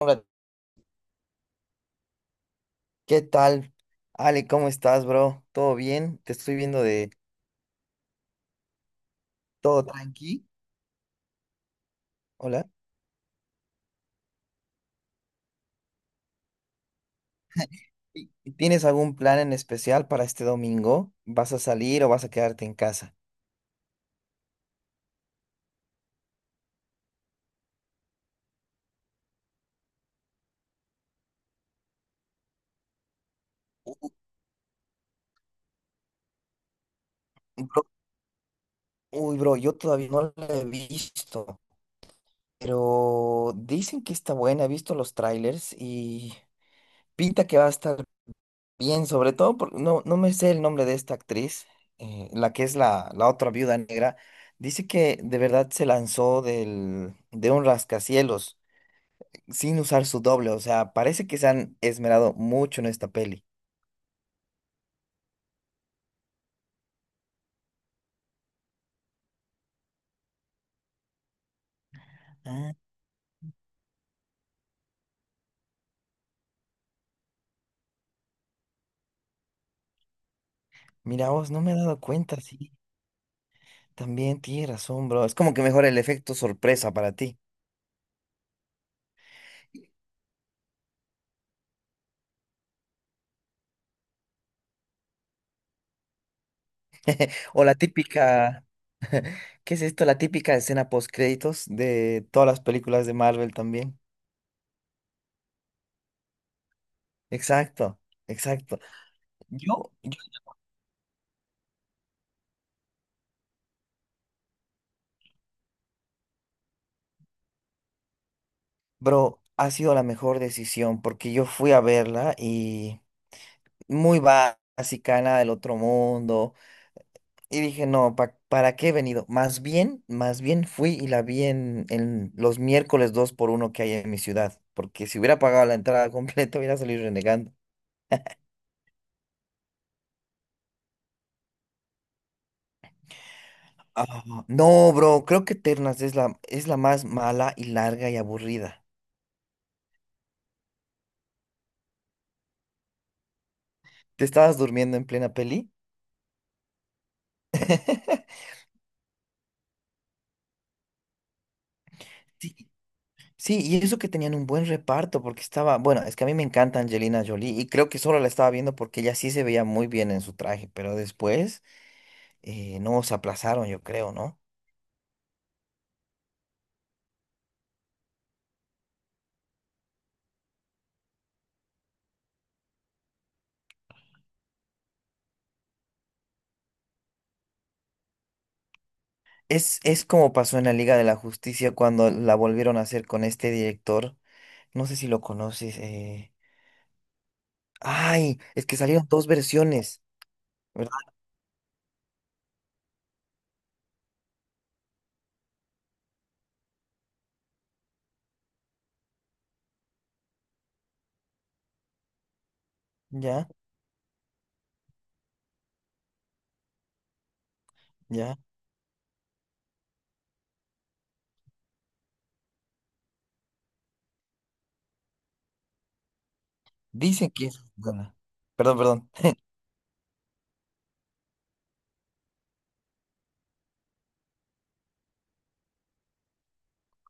Hola, ¿qué tal? Ale, ¿cómo estás, bro? ¿Todo bien? Te estoy viendo de todo tranqui. Hola. ¿Tienes algún plan en especial para este domingo? ¿Vas a salir o vas a quedarte en casa? Bro, uy, bro, yo todavía no la he visto, pero dicen que está buena. He visto los trailers y pinta que va a estar bien, sobre todo porque no me sé el nombre de esta actriz, la que es la otra viuda negra. Dice que de verdad se lanzó de un rascacielos sin usar su doble. O sea, parece que se han esmerado mucho en esta peli. Ah, mira vos, no me he dado cuenta, sí. También tienes razón, bro. Es como que mejora el efecto sorpresa para ti. O la típica, ¿qué es esto? La típica escena post créditos de todas las películas de Marvel también. Exacto, exacto. Yo, Bro, ha sido la mejor decisión porque yo fui a verla y muy básica, nada del otro mundo. Y dije, no, ¿para qué he venido? Más bien fui y la vi en, los miércoles 2 por uno que hay en mi ciudad. Porque si hubiera pagado la entrada completa, hubiera salido renegando. Ah, no, bro, creo que Ternas es la más mala y larga y aburrida. ¿Te estabas durmiendo en plena peli? Sí, sí, y eso que tenían un buen reparto, porque estaba, bueno, es que a mí me encanta Angelina Jolie y creo que solo la estaba viendo porque ella sí se veía muy bien en su traje, pero después no se aplazaron, yo creo, ¿no? Es como pasó en la Liga de la Justicia cuando la volvieron a hacer con este director, no sé si lo conoces, ay, es que salieron dos versiones, ¿verdad? Ya, ya, dicen que es buena. Perdón, perdón.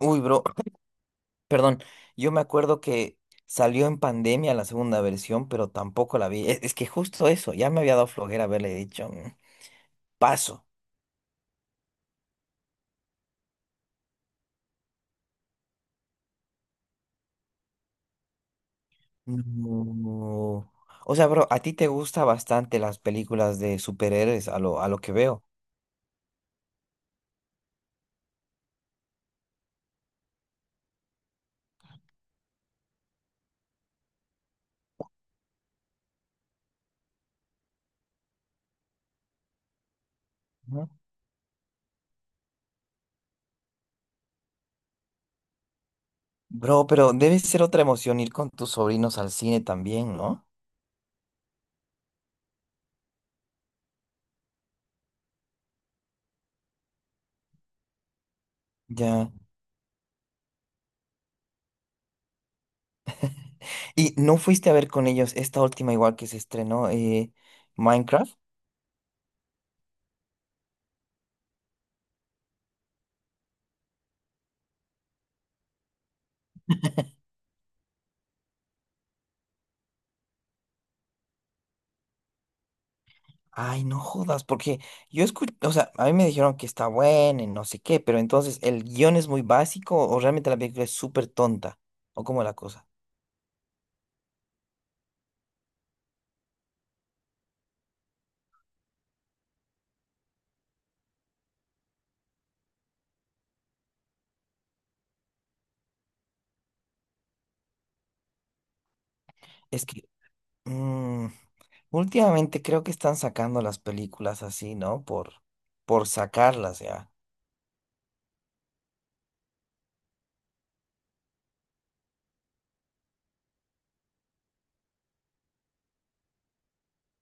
Uy, bro. Perdón, yo me acuerdo que salió en pandemia la segunda versión, pero tampoco la vi. Es que justo eso, ya me había dado flojera haberle dicho, "Mm, paso." No. O sea, bro, a ti te gustan bastante las películas de superhéroes, a lo, que veo. Ujú. Bro, pero debe ser otra emoción ir con tus sobrinos al cine también, ¿no? Ya. ¿Y no fuiste a ver con ellos esta última igual que se estrenó, Minecraft? Ay, no jodas, porque yo escuché, o sea, a mí me dijeron que está buena y no sé qué, pero entonces, ¿el guión es muy básico o realmente la película es súper tonta? ¿O cómo es la cosa? Es que mm, últimamente creo que están sacando las películas así, ¿no? Por sacarlas ya.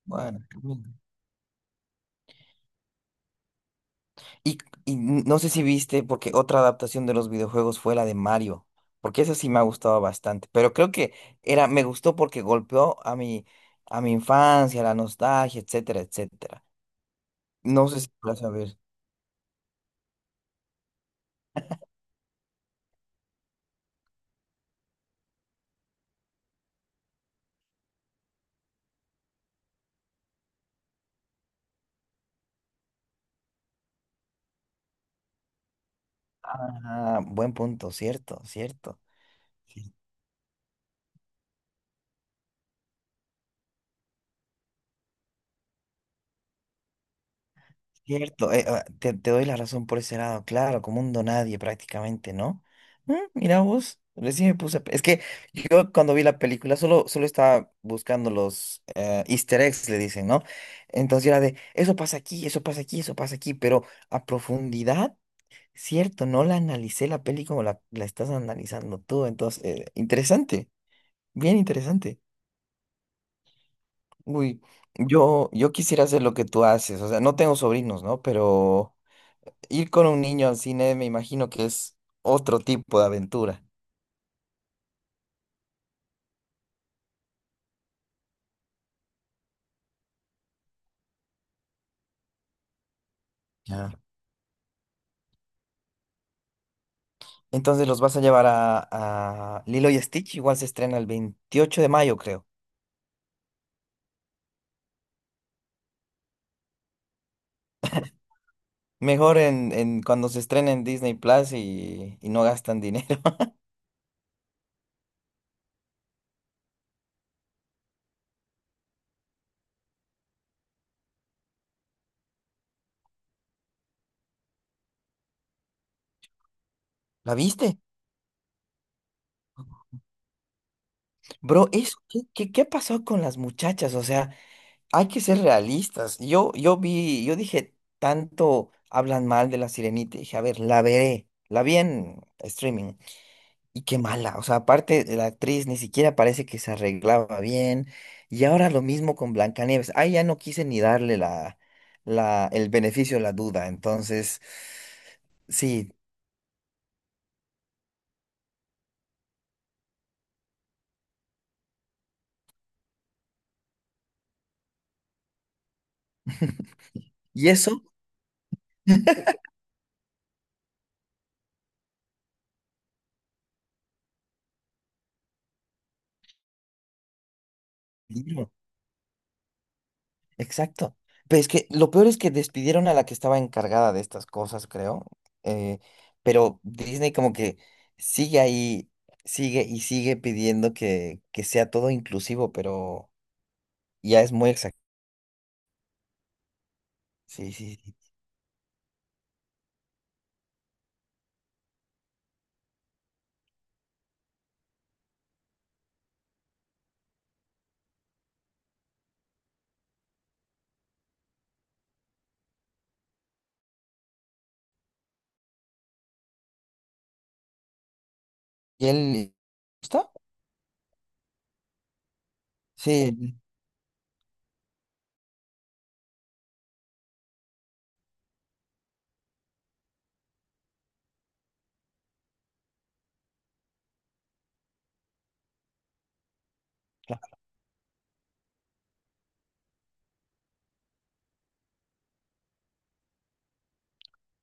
Bueno. Mm. Y, y no sé si viste, porque otra adaptación de los videojuegos fue la de Mario, porque esa sí me ha gustado bastante, pero creo que era, me gustó porque golpeó a mi, infancia, la nostalgia, etcétera, etcétera. No sé si vas a ver. Ah, buen punto, cierto, cierto. cier- Cierto, te doy la razón por ese lado, claro, como un nadie prácticamente, ¿no? Mira vos, recién me puse... Es que yo cuando vi la película solo, estaba buscando los easter eggs, le dicen, ¿no? Entonces era de, eso pasa aquí, eso pasa aquí, eso pasa aquí, pero a profundidad, cierto, no la analicé la peli como la, estás analizando tú, entonces, interesante, bien interesante. Uy, yo quisiera hacer lo que tú haces, o sea, no tengo sobrinos, ¿no? Pero ir con un niño al cine me imagino que es otro tipo de aventura. Ya. Entonces los vas a llevar a, Lilo y Stitch, igual se estrena el 28 de mayo, creo. Mejor en cuando se estrena en Disney Plus y no gastan dinero. ¿La viste? Bro, eso, ¿qué pasó con las muchachas? O sea, hay que ser realistas. yo vi, yo dije, tanto hablan mal de La Sirenita. Y dije, a ver, la veré. La vi en streaming. Y qué mala. O sea, aparte, la actriz ni siquiera parece que se arreglaba bien. Y ahora lo mismo con Blancanieves. Ahí ya no quise ni darle el beneficio de la duda. Entonces, sí. Y eso. Exacto. Pero es que lo peor es que despidieron a la que estaba encargada de estas cosas, creo. eh, pero Disney como que sigue ahí, sigue y sigue pidiendo que sea todo inclusivo, pero ya es muy exacto. Sí, sí, sí. ¿Y él gusta? Sí,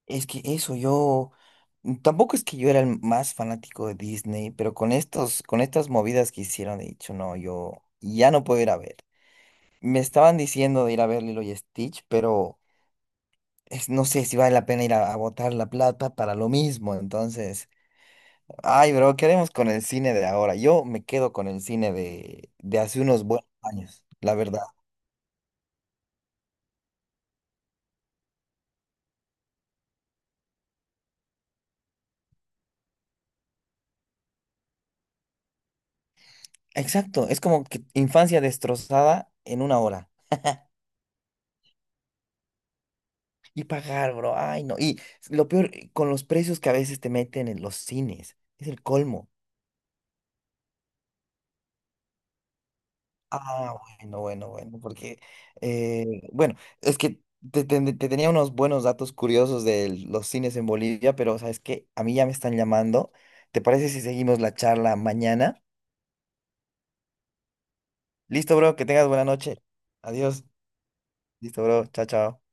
es que eso, yo tampoco es que yo era el más fanático de Disney, pero con estas movidas que hicieron, he dicho, no, yo ya no puedo ir a ver. Me estaban diciendo de ir a ver Lilo y Stitch, pero no sé si vale la pena ir a, botar la plata para lo mismo. Entonces, ay, bro, ¿qué haremos con el cine de ahora? Yo me quedo con el cine de hace unos buenos años, la verdad. Exacto, es como que infancia destrozada en una hora. Y pagar, bro, ay, no. Y lo peor, con los precios que a veces te meten en los cines, es el colmo. Ah, bueno, bueno, bueno, porque, eh, bueno, es que te, te tenía unos buenos datos curiosos de los cines en Bolivia, pero sabes que a mí ya me están llamando. ¿Te parece si seguimos la charla mañana? Listo, bro, que tengas buena noche. Adiós. Listo, bro. Chao, chao.